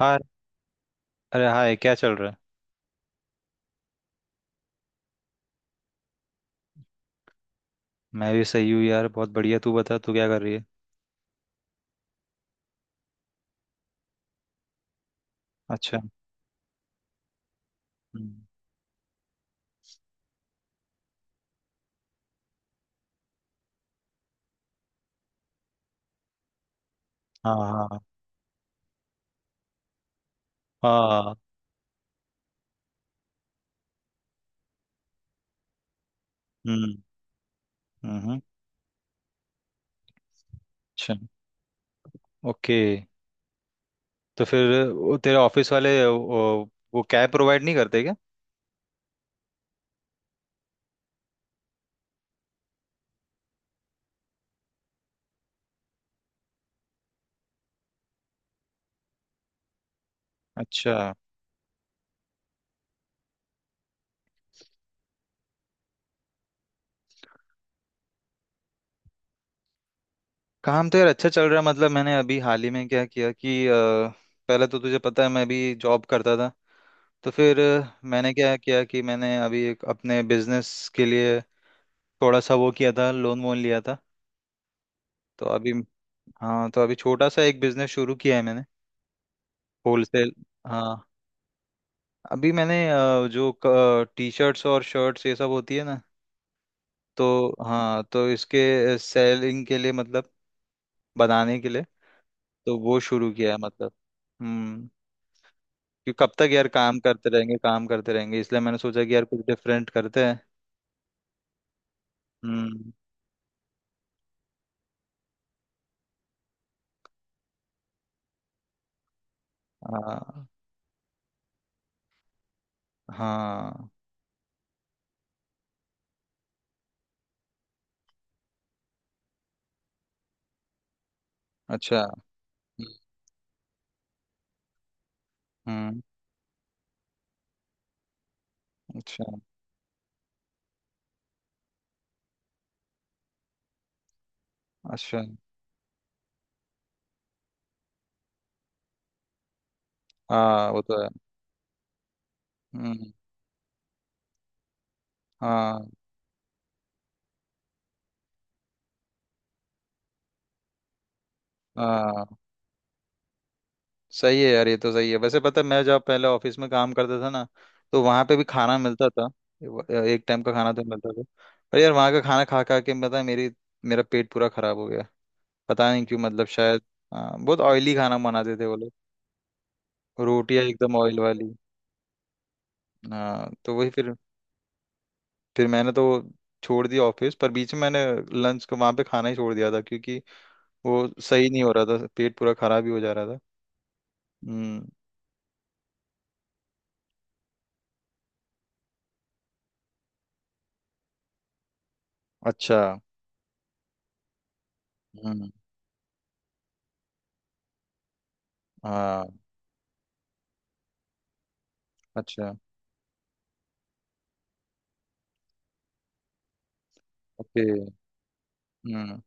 हाय। अरे हाय, क्या चल रहा है? मैं भी सही हूँ यार, बहुत बढ़िया। तू बता, तू क्या कर रही है? अच्छा। हम्म। हाँ हाँ। हाँ। हम्म हम्म। अच्छा। ओके। तो फिर वो तेरे ऑफिस वाले वो कैब प्रोवाइड नहीं करते क्या? अच्छा। काम तो यार अच्छा चल रहा है। मतलब मैंने अभी हाल ही में क्या किया कि पहले तो तुझे पता है मैं अभी जॉब करता था। तो फिर मैंने क्या किया कि मैंने अभी एक अपने बिजनेस के लिए थोड़ा सा वो किया था, लोन वोन लिया था। तो अभी, हाँ, तो अभी छोटा सा एक बिजनेस शुरू किया है मैंने। होलसेल। हाँ, अभी मैंने जो टी शर्ट्स और शर्ट्स ये सब होती है ना, तो हाँ, तो इसके सेलिंग के लिए, मतलब बनाने के लिए, तो वो शुरू किया है। मतलब, हम्म, कि कब तक यार काम करते रहेंगे काम करते रहेंगे, इसलिए मैंने सोचा कि यार कुछ डिफरेंट करते हैं। हम्म। हाँ हाँ। अच्छा। हम्म। अच्छा अच्छा। हाँ वो तो है। हम्म। हाँ हाँ। सही है यार, ये तो सही है। वैसे पता है मैं जब पहले ऑफिस में काम करता था ना, तो वहां पे भी खाना मिलता था। एक टाइम का खाना तो मिलता था। पर यार वहां का खाना खा खा के पता है मेरी मेरा पेट पूरा खराब हो गया। पता नहीं क्यों, मतलब शायद, हाँ, बहुत ऑयली खाना बनाते थे वो लोग। रोटियां एकदम ऑयल वाली। हाँ तो वही फिर मैंने तो छोड़ दिया ऑफिस। पर बीच में मैंने लंच को वहां पे खाना ही छोड़ दिया था, क्योंकि वो सही नहीं हो रहा था, पेट पूरा खराब ही हो जा रहा था। हम्म। अच्छा। हम्म। हाँ। अच्छा। ओके। हम्म।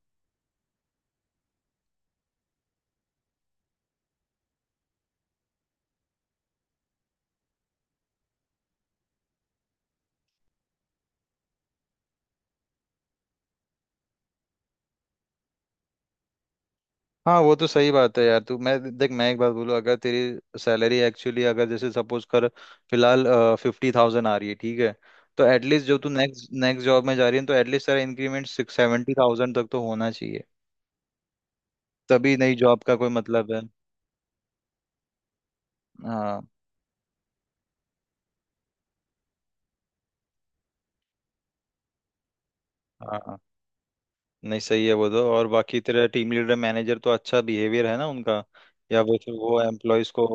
हाँ वो तो सही बात है यार। तू, मैं देख, मैं एक बात बोलूँ, अगर तेरी सैलरी एक्चुअली, अगर जैसे सपोज कर, फिलहाल 50,000 आ रही है, ठीक है, तो एटलीस्ट जो तू नेक्स्ट नेक्स्ट जॉब में जा रही है, तो एटलीस्ट तेरा इंक्रीमेंट 60-70,000 तक तो होना चाहिए। तभी नई जॉब का कोई मतलब है। हाँ हाँ। नहीं सही है वो तो। और बाकी तेरा टीम लीडर, मैनेजर तो अच्छा, बिहेवियर है ना उनका? या वो, फिर वो एम्प्लॉयज को।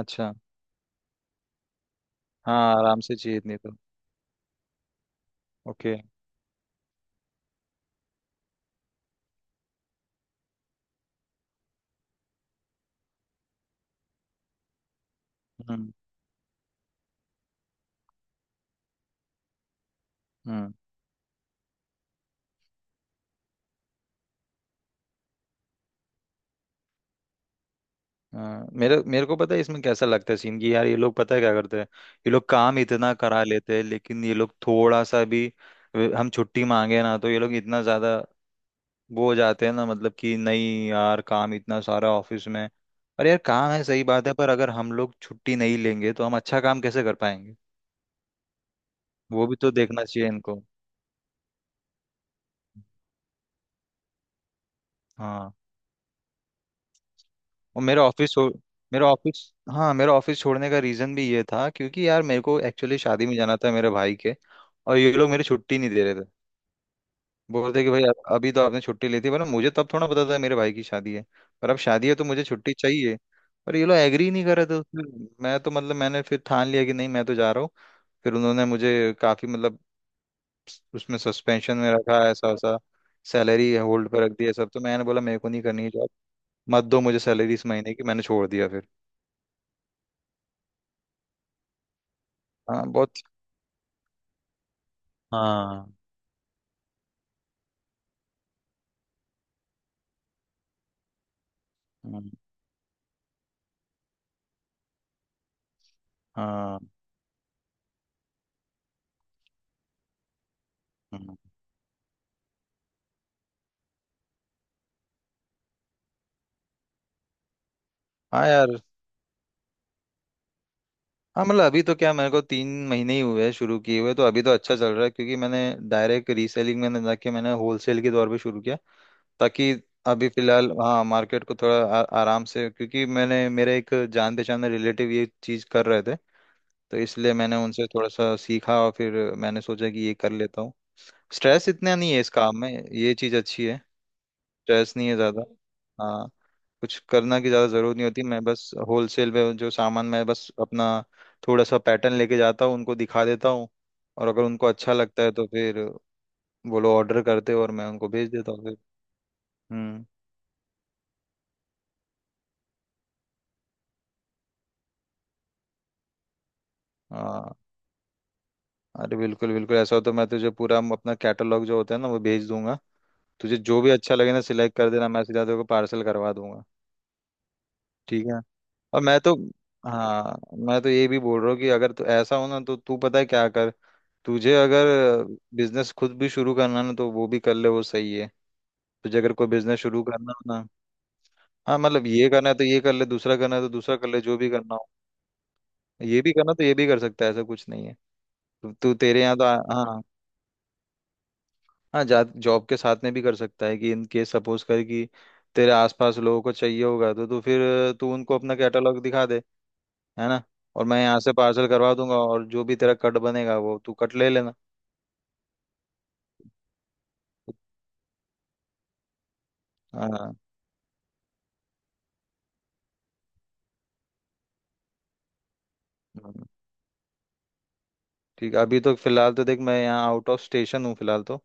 अच्छा। हाँ, आराम से चाहिए नहीं तो। ओके। हम्म हम्म। हाँ मेरे मेरे को पता है इसमें कैसा लगता है सीन की। यार ये लोग पता है क्या करते हैं, ये लोग काम इतना करा लेते हैं, लेकिन ये लोग थोड़ा सा भी हम छुट्टी मांगे ना, तो ये लोग इतना ज्यादा वो हो जाते हैं ना, मतलब कि नहीं यार, काम इतना सारा ऑफिस में। और यार काम है सही बात है, पर अगर हम लोग छुट्टी नहीं लेंगे तो हम अच्छा काम कैसे कर पाएंगे? वो भी तो देखना चाहिए इनको। हाँ। और मेरा ऑफिस हाँ, मेरा ऑफिस छोड़ने का रीजन भी ये था, क्योंकि यार मेरे को एक्चुअली शादी में जाना था मेरे भाई के। और ये लोग मेरी छुट्टी नहीं दे रहे थे। बोलते कि भाई, अभी तो आपने छुट्टी ली थी, वरना मुझे तब थोड़ा पता था मेरे भाई की शादी है। पर अब शादी है तो मुझे छुट्टी चाहिए। पर ये लोग एग्री नहीं कर रहे थे उसमें। मैं तो मतलब मैंने फिर ठान लिया कि नहीं, मैं तो जा रहा हूँ। फिर उन्होंने मुझे काफी मतलब उसमें सस्पेंशन में रखा, ऐसा वैसा, सैलरी होल्ड पर रख दिया सब। तो मैंने बोला मेरे को नहीं करनी है जॉब, मत दो मुझे सैलरी इस महीने की। मैंने छोड़ दिया फिर। हाँ बहुत। हाँ। हम्म। हाँ। हम्म। हाँ यार। हाँ मतलब अभी तो क्या, मेरे को 3 महीने ही हुए हैं शुरू किए हुए, तो अभी तो अच्छा चल रहा है, क्योंकि मैंने डायरेक्ट रीसेलिंग में ना जाके मैंने होलसेल के दौर पे शुरू किया, ताकि अभी फिलहाल, हाँ, मार्केट को थोड़ा आराम से, क्योंकि मैंने मेरे एक जान पहचान में रिलेटिव ये चीज़ कर रहे थे, तो इसलिए मैंने उनसे थोड़ा सा सीखा और फिर मैंने सोचा कि ये कर लेता हूँ। स्ट्रेस इतना नहीं है इस काम में, ये चीज़ अच्छी है, स्ट्रेस नहीं है ज़्यादा। हाँ। कुछ करना की ज़्यादा ज़रूरत नहीं होती। मैं बस होलसेल पे जो सामान, मैं बस अपना थोड़ा सा पैटर्न लेके जाता हूँ, उनको दिखा देता हूँ, और अगर उनको अच्छा लगता है तो फिर वो लोग ऑर्डर करते हैं और मैं उनको भेज देता हूँ फिर। हम्म। हाँ। अरे बिल्कुल बिल्कुल, ऐसा हो तो मैं तुझे पूरा अपना कैटलॉग जो होता है ना, वो भेज दूंगा। तुझे जो भी अच्छा लगे ना सिलेक्ट कर देना, मैं सीधा तेरे को पार्सल करवा दूंगा। ठीक है। और मैं तो, हाँ, मैं तो ये भी बोल रहा हूँ कि अगर तो ऐसा हो ना तो तू पता है क्या कर, तुझे अगर बिजनेस खुद भी शुरू करना है ना तो वो भी कर ले, वो सही है। तुझे अगर कोई बिजनेस शुरू करना हो ना, हाँ मतलब ये करना है तो ये कर ले, दूसरा करना है तो दूसरा कर ले, जो भी करना हो, ये भी करना तो ये भी कर सकता है, ऐसा कुछ नहीं है। तू तू तेरे यहाँ तो हाँ, हाँ, जा, जॉब के साथ में भी कर सकता है, कि इन केस सपोज कर कि तेरे आसपास लोगों को चाहिए होगा तो तू फिर, तू उनको अपना कैटलॉग दिखा दे, है ना, और मैं यहाँ से पार्सल करवा दूंगा, और जो भी तेरा कट बनेगा वो तू कट ले लेना। हाँ। हम्म। ठीक है, अभी तो फिलहाल तो देख, मैं यहाँ आउट ऑफ स्टेशन हूँ फिलहाल,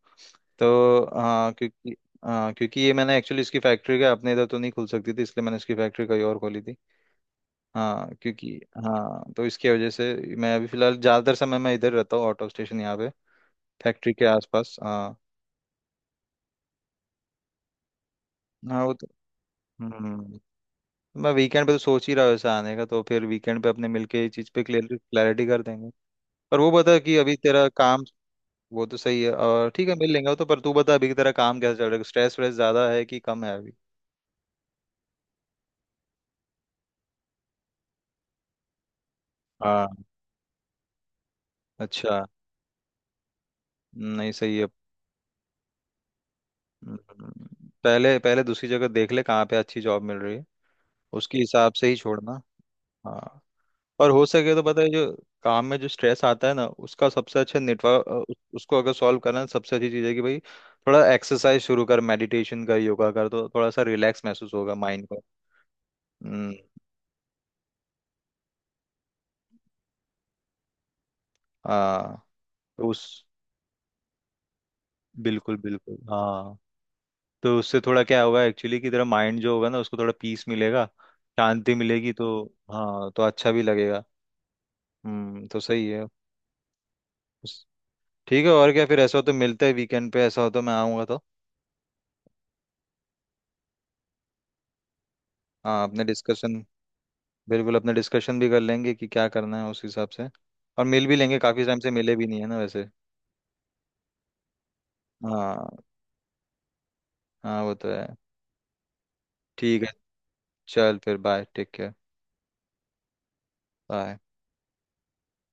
तो हाँ क्योंकि, हाँ क्योंकि ये मैंने एक्चुअली इसकी फैक्ट्री का अपने इधर तो नहीं खुल सकती थी, इसलिए मैंने इसकी फैक्ट्री कहीं और खोली थी। हाँ क्योंकि, हाँ, तो इसकी वजह से मैं अभी फिलहाल ज़्यादातर समय मैं इधर रहता हूँ, आउट ऑफ स्टेशन यहाँ पे, फैक्ट्री के आसपास। हाँ। हाँ वो तो, हम्म, मैं वीकेंड पे तो सोच ही रहा हूँ ऐसा आने का, तो फिर वीकेंड पे अपने मिलके ये चीज़ पे क्लियर क्लैरिटी कर देंगे। पर वो बता कि अभी तेरा काम, वो तो सही है और ठीक है मिल लेंगे वो तो, पर तू बता अभी तेरा काम कैसा चल रहा है, स्ट्रेस व्रेस ज्यादा है कि कम है अभी? हाँ। अच्छा। नहीं सही है। हम्म। पहले पहले दूसरी जगह देख ले कहाँ पे अच्छी जॉब मिल रही है, उसके हिसाब से ही छोड़ना। हाँ। और हो सके तो पता है जो काम में जो स्ट्रेस आता है ना, उसका सबसे अच्छा नेटवर्क, उसको अगर सॉल्व करना है, सबसे अच्छी चीज़ है कि भाई थोड़ा एक्सरसाइज शुरू कर, मेडिटेशन कर, योगा कर, तो थोड़ा सा रिलैक्स महसूस होगा माइंड को। हम्म। हाँ, तो उस बिल्कुल बिल्कुल, हाँ, तो उससे थोड़ा क्या होगा एक्चुअली कि तेरा माइंड जो होगा ना उसको थोड़ा पीस मिलेगा, शांति मिलेगी तो। हाँ, तो अच्छा भी लगेगा। हम्म, तो सही है। उस- ठीक है, और क्या, फिर ऐसा हो तो मिलते हैं वीकेंड पे, ऐसा हो तो मैं आऊँगा तो। हाँ, अपने डिस्कशन, बिल्कुल अपने डिस्कशन भी कर लेंगे कि क्या करना है उस हिसाब से, और मिल भी लेंगे, काफ़ी टाइम से मिले भी नहीं है ना वैसे। हाँ। हाँ वो तो है। ठीक है, चल फिर, बाय, टेक केयर। बाय।